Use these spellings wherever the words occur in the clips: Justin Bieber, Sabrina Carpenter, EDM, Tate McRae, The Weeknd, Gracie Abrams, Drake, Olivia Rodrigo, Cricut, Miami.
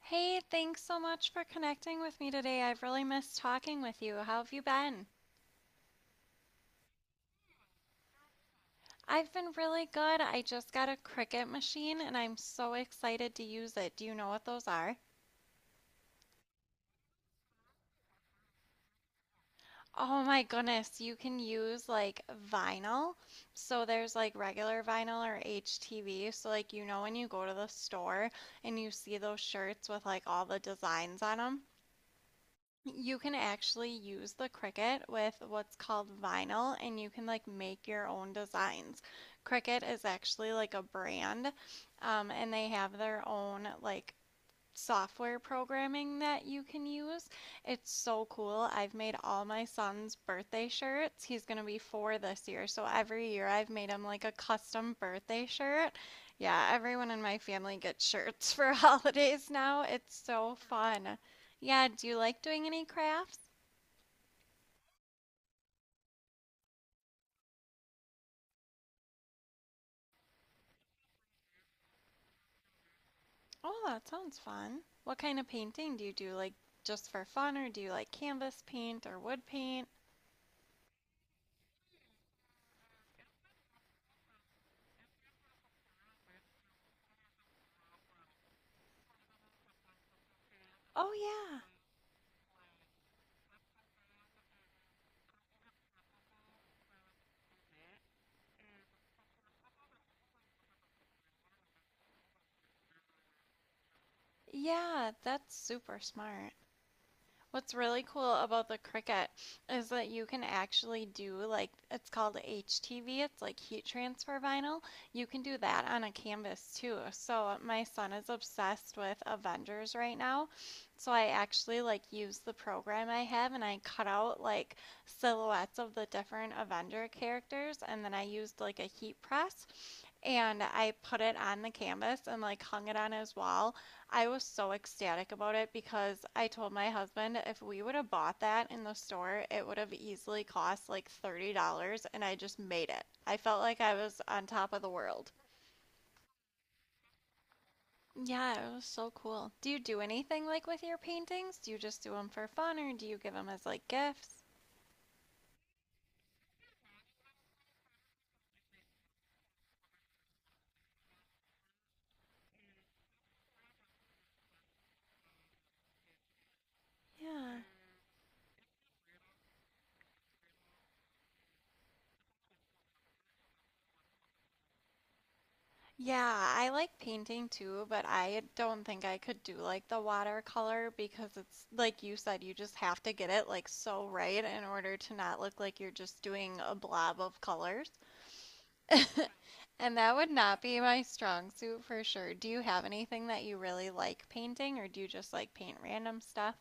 Hey, thanks so much for connecting with me today. I've really missed talking with you. How have you been? I've been really good. I just got a Cricut machine and I'm so excited to use it. Do you know what those are? Oh my goodness, you can use like vinyl. So there's like regular vinyl or HTV. So like you know when you go to the store and you see those shirts with like all the designs on them? You can actually use the Cricut with what's called vinyl and you can like make your own designs. Cricut is actually like a brand, and they have their own like software programming that you can use. It's so cool. I've made all my son's birthday shirts. He's going to be four this year. So every year I've made him like a custom birthday shirt. Yeah, everyone in my family gets shirts for holidays now. It's so fun. Yeah, do you like doing any crafts? Oh, that sounds fun. What kind of painting do you do? Like just for fun, or do you like canvas paint or wood paint? Oh, yeah. Yeah, that's super smart. What's really cool about the Cricut is that you can actually do like it's called HTV, it's like heat transfer vinyl. You can do that on a canvas too. So my son is obsessed with Avengers right now. So I actually like use the program I have and I cut out like silhouettes of the different Avenger characters and then I used like a heat press and I put it on the canvas and like hung it on his wall. I was so ecstatic about it because I told my husband if we would have bought that in the store, it would have easily cost like $30 and I just made it. I felt like I was on top of the world. Yeah, it was so cool. Do you do anything like with your paintings? Do you just do them for fun or do you give them as like gifts? Yeah. Yeah, I like painting too, but I don't think I could do like the watercolor because it's like you said, you just have to get it like so right in order to not look like you're just doing a blob of colors. And that would not be my strong suit for sure. Do you have anything that you really like painting or do you just like paint random stuff?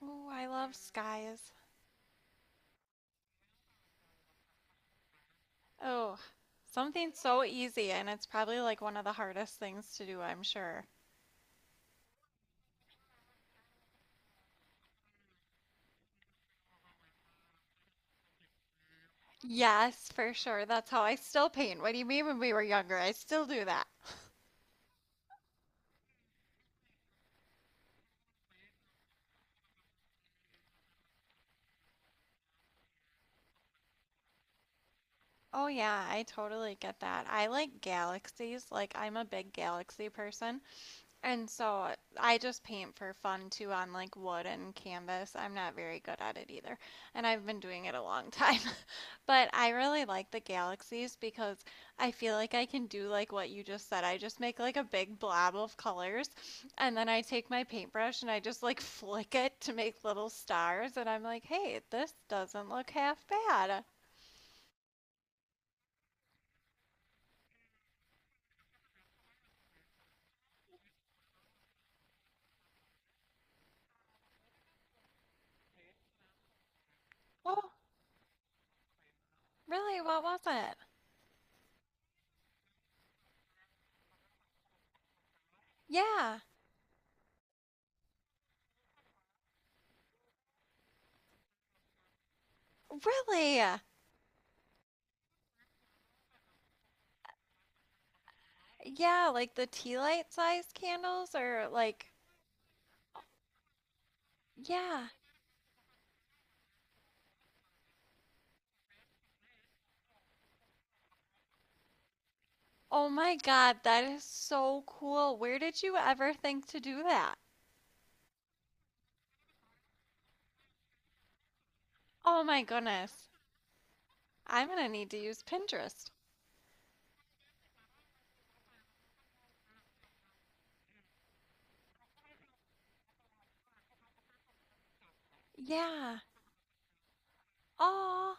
Oh, I love skies. Oh, something so easy and it's probably like one of the hardest things to do, I'm sure. Yes, for sure. That's how I still paint. What do you mean when we were younger? I still do that. Oh, yeah, I totally get that. I like galaxies. Like, I'm a big galaxy person. And so I just paint for fun too on like wood and canvas. I'm not very good at it either. And I've been doing it a long time. But I really like the galaxies because I feel like I can do like what you just said. I just make like a big blob of colors and then I take my paintbrush and I just like flick it to make little stars. And I'm like, hey, this doesn't look half bad. Oh, really? What was it? Yeah, really? Yeah, like the tea light sized candles or like, yeah. Oh my God, that is so cool. Where did you ever think to do that? Oh my goodness. I'm gonna need to use Pinterest. Yeah. Oh,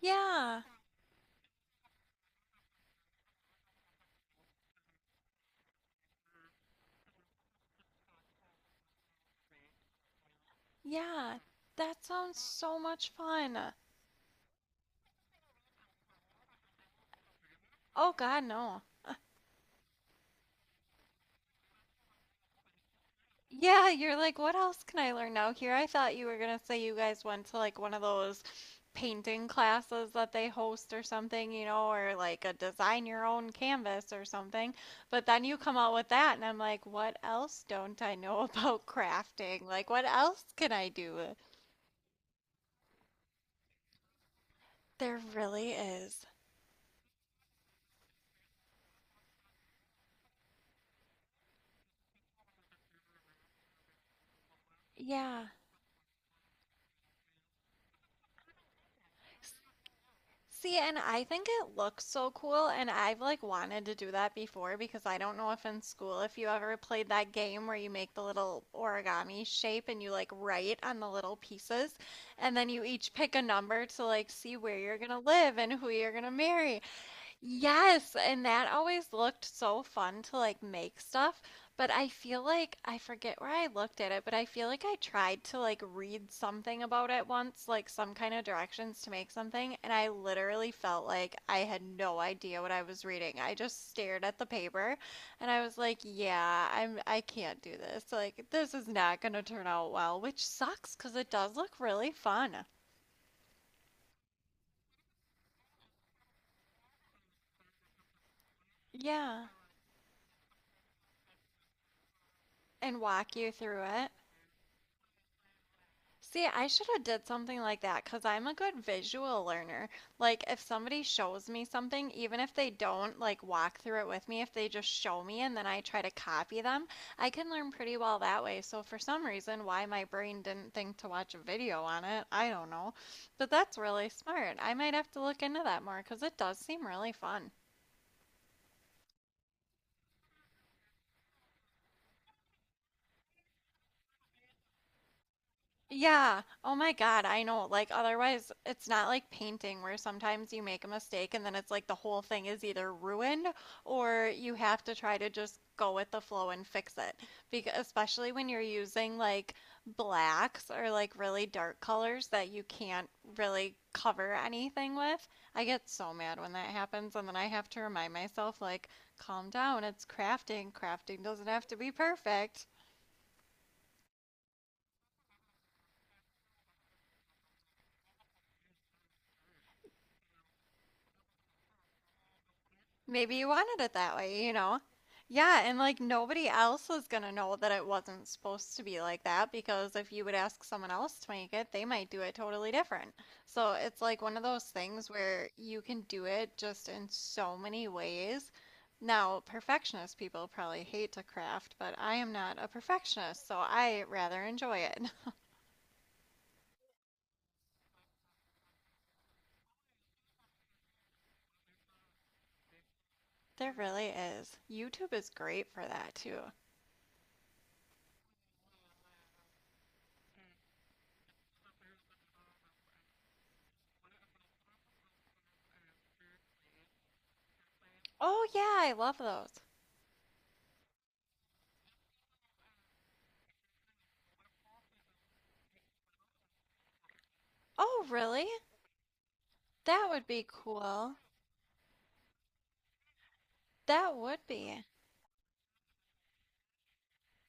yeah. Yeah. That sounds so much fun. Oh God, no. Yeah, you're like, what else can I learn now here? I thought you were gonna say you guys went to like one of those painting classes that they host or something, you know, or like a design your own canvas or something. But then you come out with that, and I'm like, what else don't I know about crafting? Like, what else can I do? There really is. Yeah. See, and I think it looks so cool, and I've like wanted to do that before because I don't know if in school if you ever played that game where you make the little origami shape and you like write on the little pieces, and then you each pick a number to like see where you're gonna live and who you're gonna marry. Yes, and that always looked so fun to like make stuff, but I feel like I forget where I looked at it, but I feel like I tried to like read something about it once, like some kind of directions to make something, and I literally felt like I had no idea what I was reading. I just stared at the paper and I was like, yeah, I can't do this. Like this is not going to turn out well, which sucks 'cause it does look really fun. Yeah, and walk you through it. See, I should have did something like that because I'm a good visual learner. Like if somebody shows me something, even if they don't like walk through it with me, if they just show me and then I try to copy them, I can learn pretty well that way. So for some reason, why my brain didn't think to watch a video on it, I don't know. But that's really smart. I might have to look into that more because it does seem really fun. Yeah. Oh my God, I know. Like, otherwise, it's not like painting where sometimes you make a mistake and then it's like the whole thing is either ruined or you have to try to just go with the flow and fix it. Because especially when you're using like blacks or like really dark colors that you can't really cover anything with. I get so mad when that happens and then I have to remind myself like, calm down, it's crafting. Crafting doesn't have to be perfect. Maybe you wanted it that way, you know? Yeah, and like nobody else was gonna know that it wasn't supposed to be like that because if you would ask someone else to make it, they might do it totally different. So it's like one of those things where you can do it just in so many ways. Now, perfectionist people probably hate to craft, but I am not a perfectionist, so I rather enjoy it. There really is. YouTube is great for that too. Oh, yeah, I love those. Oh, really? That would be cool. That would be.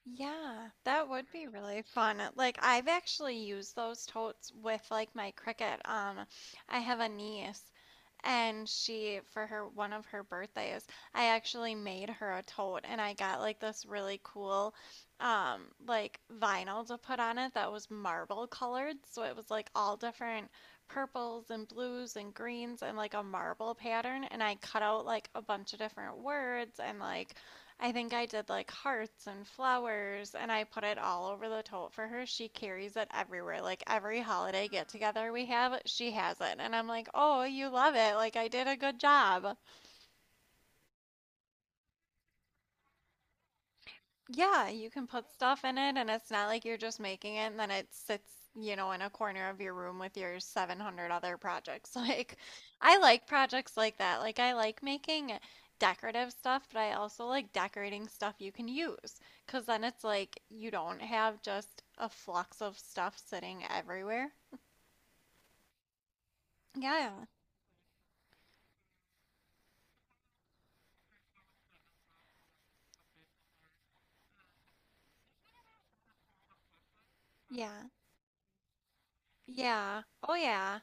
Yeah, that would be really fun. Like I've actually used those totes with like my Cricut. I have a niece and she for her one of her birthdays, I actually made her a tote and I got like this really cool um like vinyl to put on it that was marble colored, so it was like all different purples and blues and greens and like a marble pattern and I cut out like a bunch of different words and like I think I did like hearts and flowers, and I put it all over the tote for her. She carries it everywhere. Like every holiday get together we have, she has it. And I'm like, oh, you love it. Like I did a good job. Yeah, you can put stuff in it, and it's not like you're just making it and then it sits, you know, in a corner of your room with your 700 other projects. Like, I like projects like that. Like, I like making decorative stuff, but I also like decorating stuff you can use because then it's like you don't have just a flux of stuff sitting everywhere. Yeah, yeah, yeah. Oh, yeah.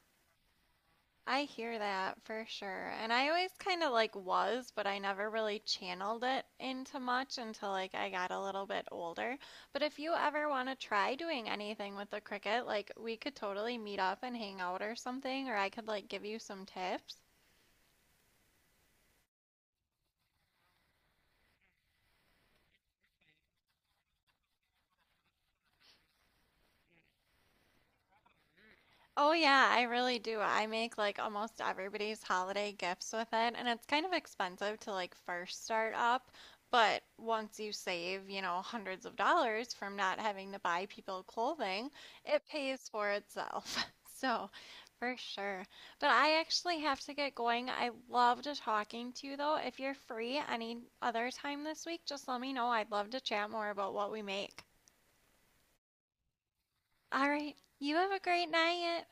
I hear that for sure. And I always kind of like was, but I never really channeled it into much until like I got a little bit older. But if you ever want to try doing anything with the cricket, like we could totally meet up and hang out or something, or I could like give you some tips. Oh yeah, I really do. I make like almost everybody's holiday gifts with it, and it's kind of expensive to like first start up, but once you save, you know, hundreds of dollars from not having to buy people clothing, it pays for itself. So, for sure. But I actually have to get going. I loved talking to you though. If you're free any other time this week, just let me know. I'd love to chat more about what we make. All right. You have a great night.